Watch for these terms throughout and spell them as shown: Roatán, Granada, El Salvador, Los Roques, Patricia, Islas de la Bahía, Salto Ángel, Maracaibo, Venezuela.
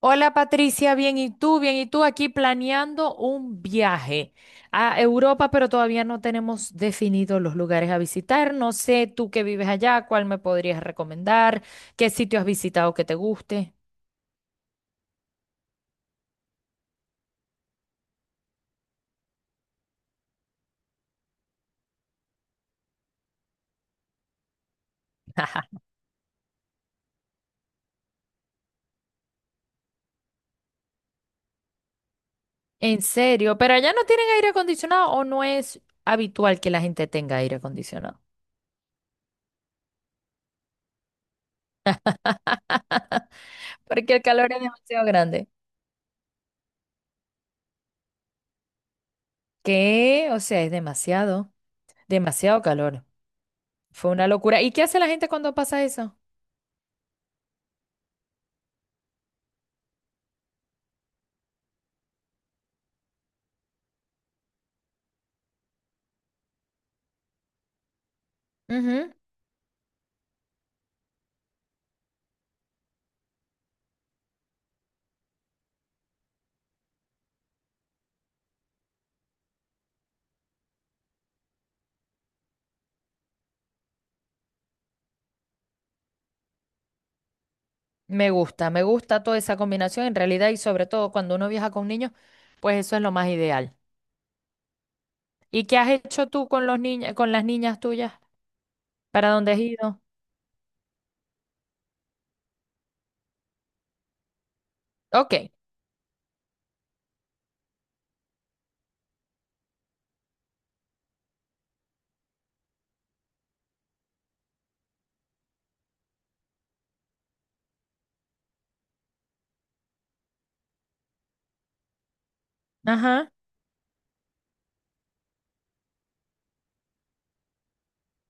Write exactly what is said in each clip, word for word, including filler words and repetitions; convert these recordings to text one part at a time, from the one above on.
Hola Patricia, bien, ¿y tú? Bien, ¿y tú? Aquí planeando un viaje a Europa, pero todavía no tenemos definidos los lugares a visitar. No sé, tú que vives allá, ¿cuál me podrías recomendar? ¿Qué sitio has visitado que te guste? En serio, pero allá no tienen aire acondicionado o no es habitual que la gente tenga aire acondicionado. Porque el calor es demasiado grande. ¿Qué? O sea, es demasiado, demasiado calor. Fue una locura. ¿Y qué hace la gente cuando pasa eso? Me gusta, me gusta toda esa combinación en realidad y sobre todo cuando uno viaja con niños, pues eso es lo más ideal. ¿Y qué has hecho tú con los niños, con las niñas tuyas? ¿Para dónde has ido? Ok, ajá,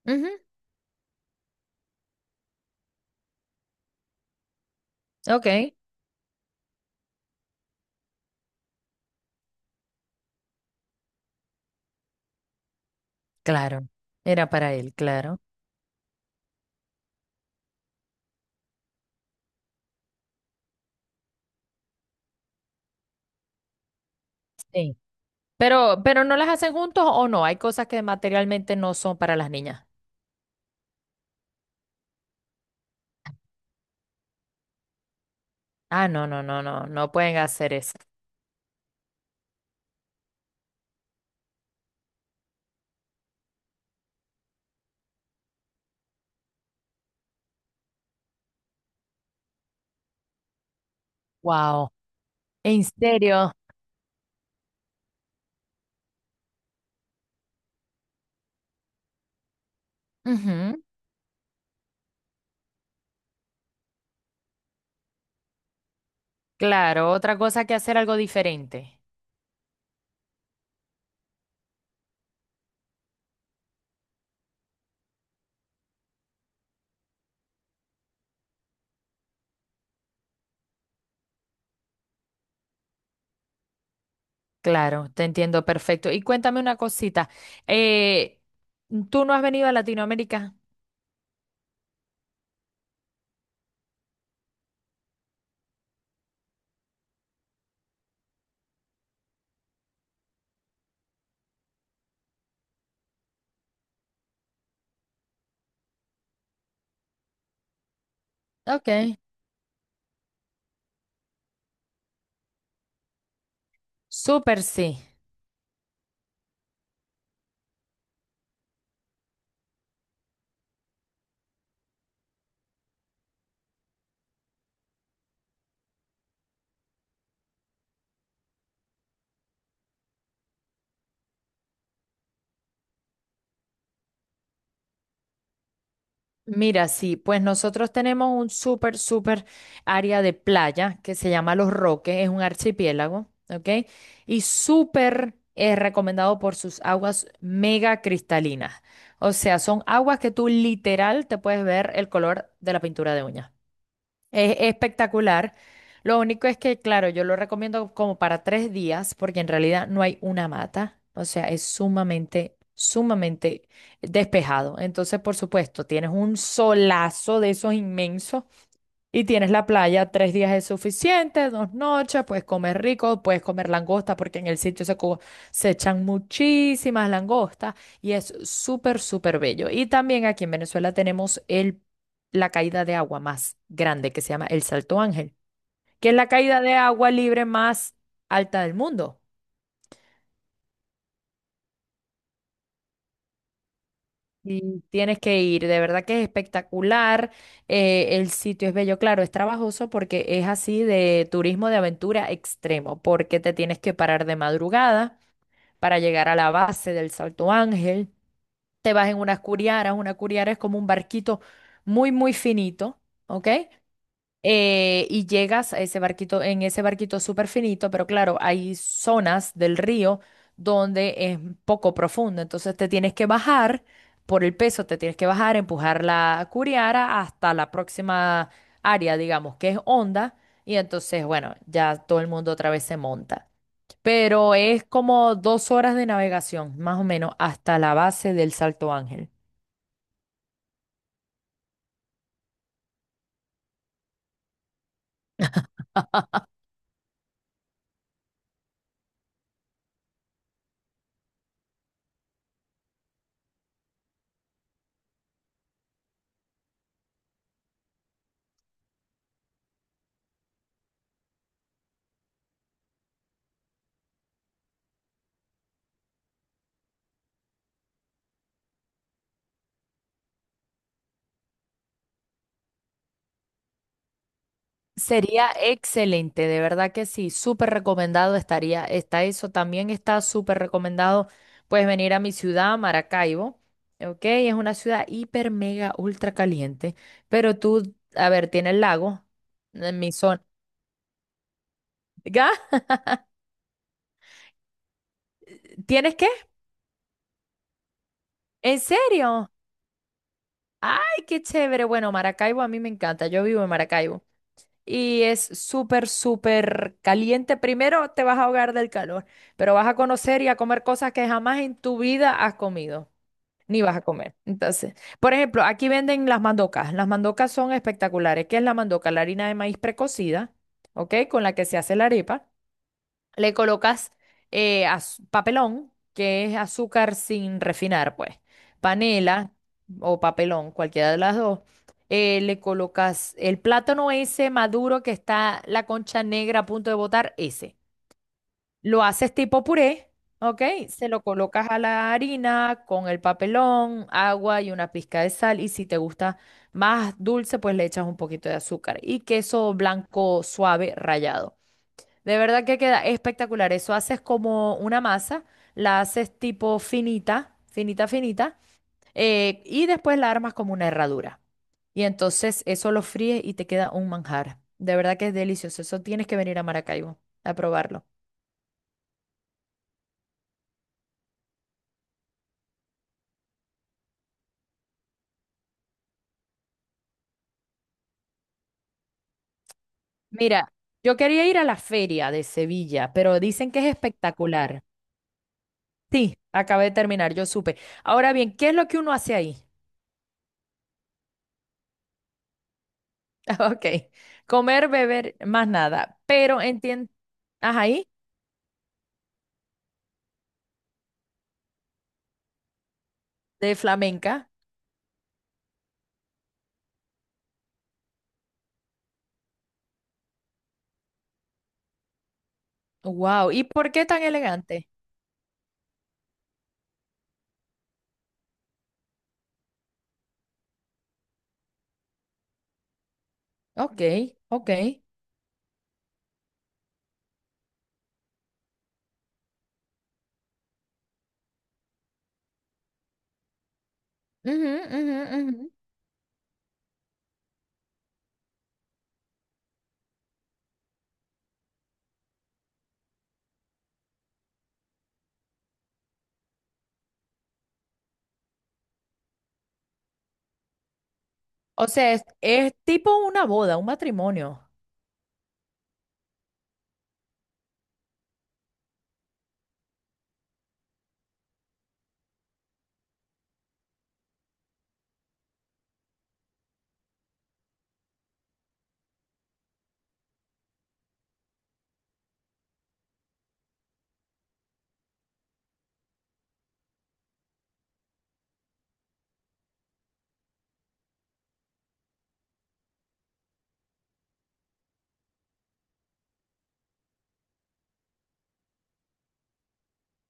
ujú, ok, claro, era para él, claro. Sí. Pero, pero no las hacen juntos o no, hay cosas que materialmente no son para las niñas. Ah, no, no, no, no, no pueden hacer eso. Wow, ¿en serio? Ujú. Claro, otra cosa que hacer algo diferente. Claro, te entiendo perfecto. Y cuéntame una cosita. eh, ¿Tú no has venido a Latinoamérica? Ok. Súper sí. Mira, sí, pues nosotros tenemos un súper, súper área de playa que se llama Los Roques, es un archipiélago, ¿ok? Y súper eh, recomendado por sus aguas mega cristalinas. O sea, son aguas que tú literal te puedes ver el color de la pintura de uñas. Es espectacular. Lo único es que, claro, yo lo recomiendo como para tres días, porque en realidad no hay una mata. O sea, es sumamente, sumamente despejado. Entonces, por supuesto, tienes un solazo de esos inmensos y tienes la playa, tres días es suficiente, dos noches, puedes comer rico, puedes comer langosta, porque en el sitio se, co- se echan muchísimas langostas y es súper, súper bello. Y también aquí en Venezuela tenemos el, la caída de agua más grande, que se llama el Salto Ángel, que es la caída de agua libre más alta del mundo. Sí, tienes que ir, de verdad que es espectacular. Eh, el sitio es bello, claro, es trabajoso porque es así de turismo de aventura extremo, porque te tienes que parar de madrugada para llegar a la base del Salto Ángel. Te vas en unas curiaras, una curiara es como un barquito muy, muy finito, ¿ok? Eh, y llegas a ese barquito, en ese barquito súper finito, pero claro, hay zonas del río donde es poco profundo, entonces te tienes que bajar por el peso, te tienes que bajar, empujar la curiara hasta la próxima área, digamos, que es honda, y entonces, bueno, ya todo el mundo otra vez se monta. Pero es como dos horas de navegación, más o menos, hasta la base del Salto Ángel. Sería excelente, de verdad que sí, súper recomendado estaría, está eso, también está súper recomendado, puedes venir a mi ciudad, Maracaibo, ¿ok? Es una ciudad hiper, mega, ultra caliente, pero tú, a ver, tiene el lago en mi zona. ¿Ya? ¿Tienes qué? ¿En serio? ¡Ay, qué chévere! Bueno, Maracaibo a mí me encanta, yo vivo en Maracaibo. Y es súper, súper caliente. Primero te vas a ahogar del calor, pero vas a conocer y a comer cosas que jamás en tu vida has comido, ni vas a comer. Entonces, por ejemplo, aquí venden las mandocas. Las mandocas son espectaculares. ¿Qué es la mandoca? La harina de maíz precocida, ¿ok? Con la que se hace la arepa. Le colocas eh, az- papelón, que es azúcar sin refinar, pues. Panela o papelón, cualquiera de las dos. Eh, le colocas el plátano ese maduro que está la concha negra a punto de botar, ese. Lo haces tipo puré, ¿ok? Se lo colocas a la harina con el papelón, agua y una pizca de sal. Y si te gusta más dulce, pues le echas un poquito de azúcar y queso blanco suave rallado. De verdad que queda espectacular. Eso haces como una masa, la haces tipo finita, finita, finita, eh, y después la armas como una herradura. Y entonces eso lo fríes y te queda un manjar. De verdad que es delicioso. Eso tienes que venir a Maracaibo a probarlo. Mira, yo quería ir a la feria de Sevilla, pero dicen que es espectacular. Sí, acabé de terminar, yo supe. Ahora bien, ¿qué es lo que uno hace ahí? Ok, comer, beber, más nada. Pero entiendo. Ajá, de flamenca. Wow. ¿Y por qué tan elegante? Ok, ok. Ujú, ujú, ujú. O sea, es, es tipo una boda, un matrimonio.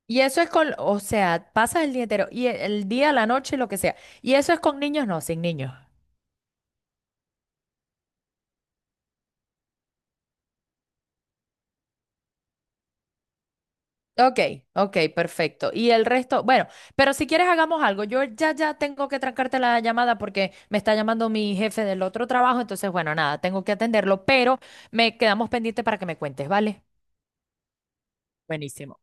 Y eso es con, o sea, pasas el día entero, y el, el día, la noche, lo que sea. Y eso es con niños, no, sin niños. Ok, ok, perfecto. Y el resto, bueno, pero si quieres hagamos algo. Yo ya, ya tengo que trancarte la llamada porque me está llamando mi jefe del otro trabajo. Entonces, bueno, nada, tengo que atenderlo, pero me quedamos pendiente para que me cuentes, ¿vale? Buenísimo.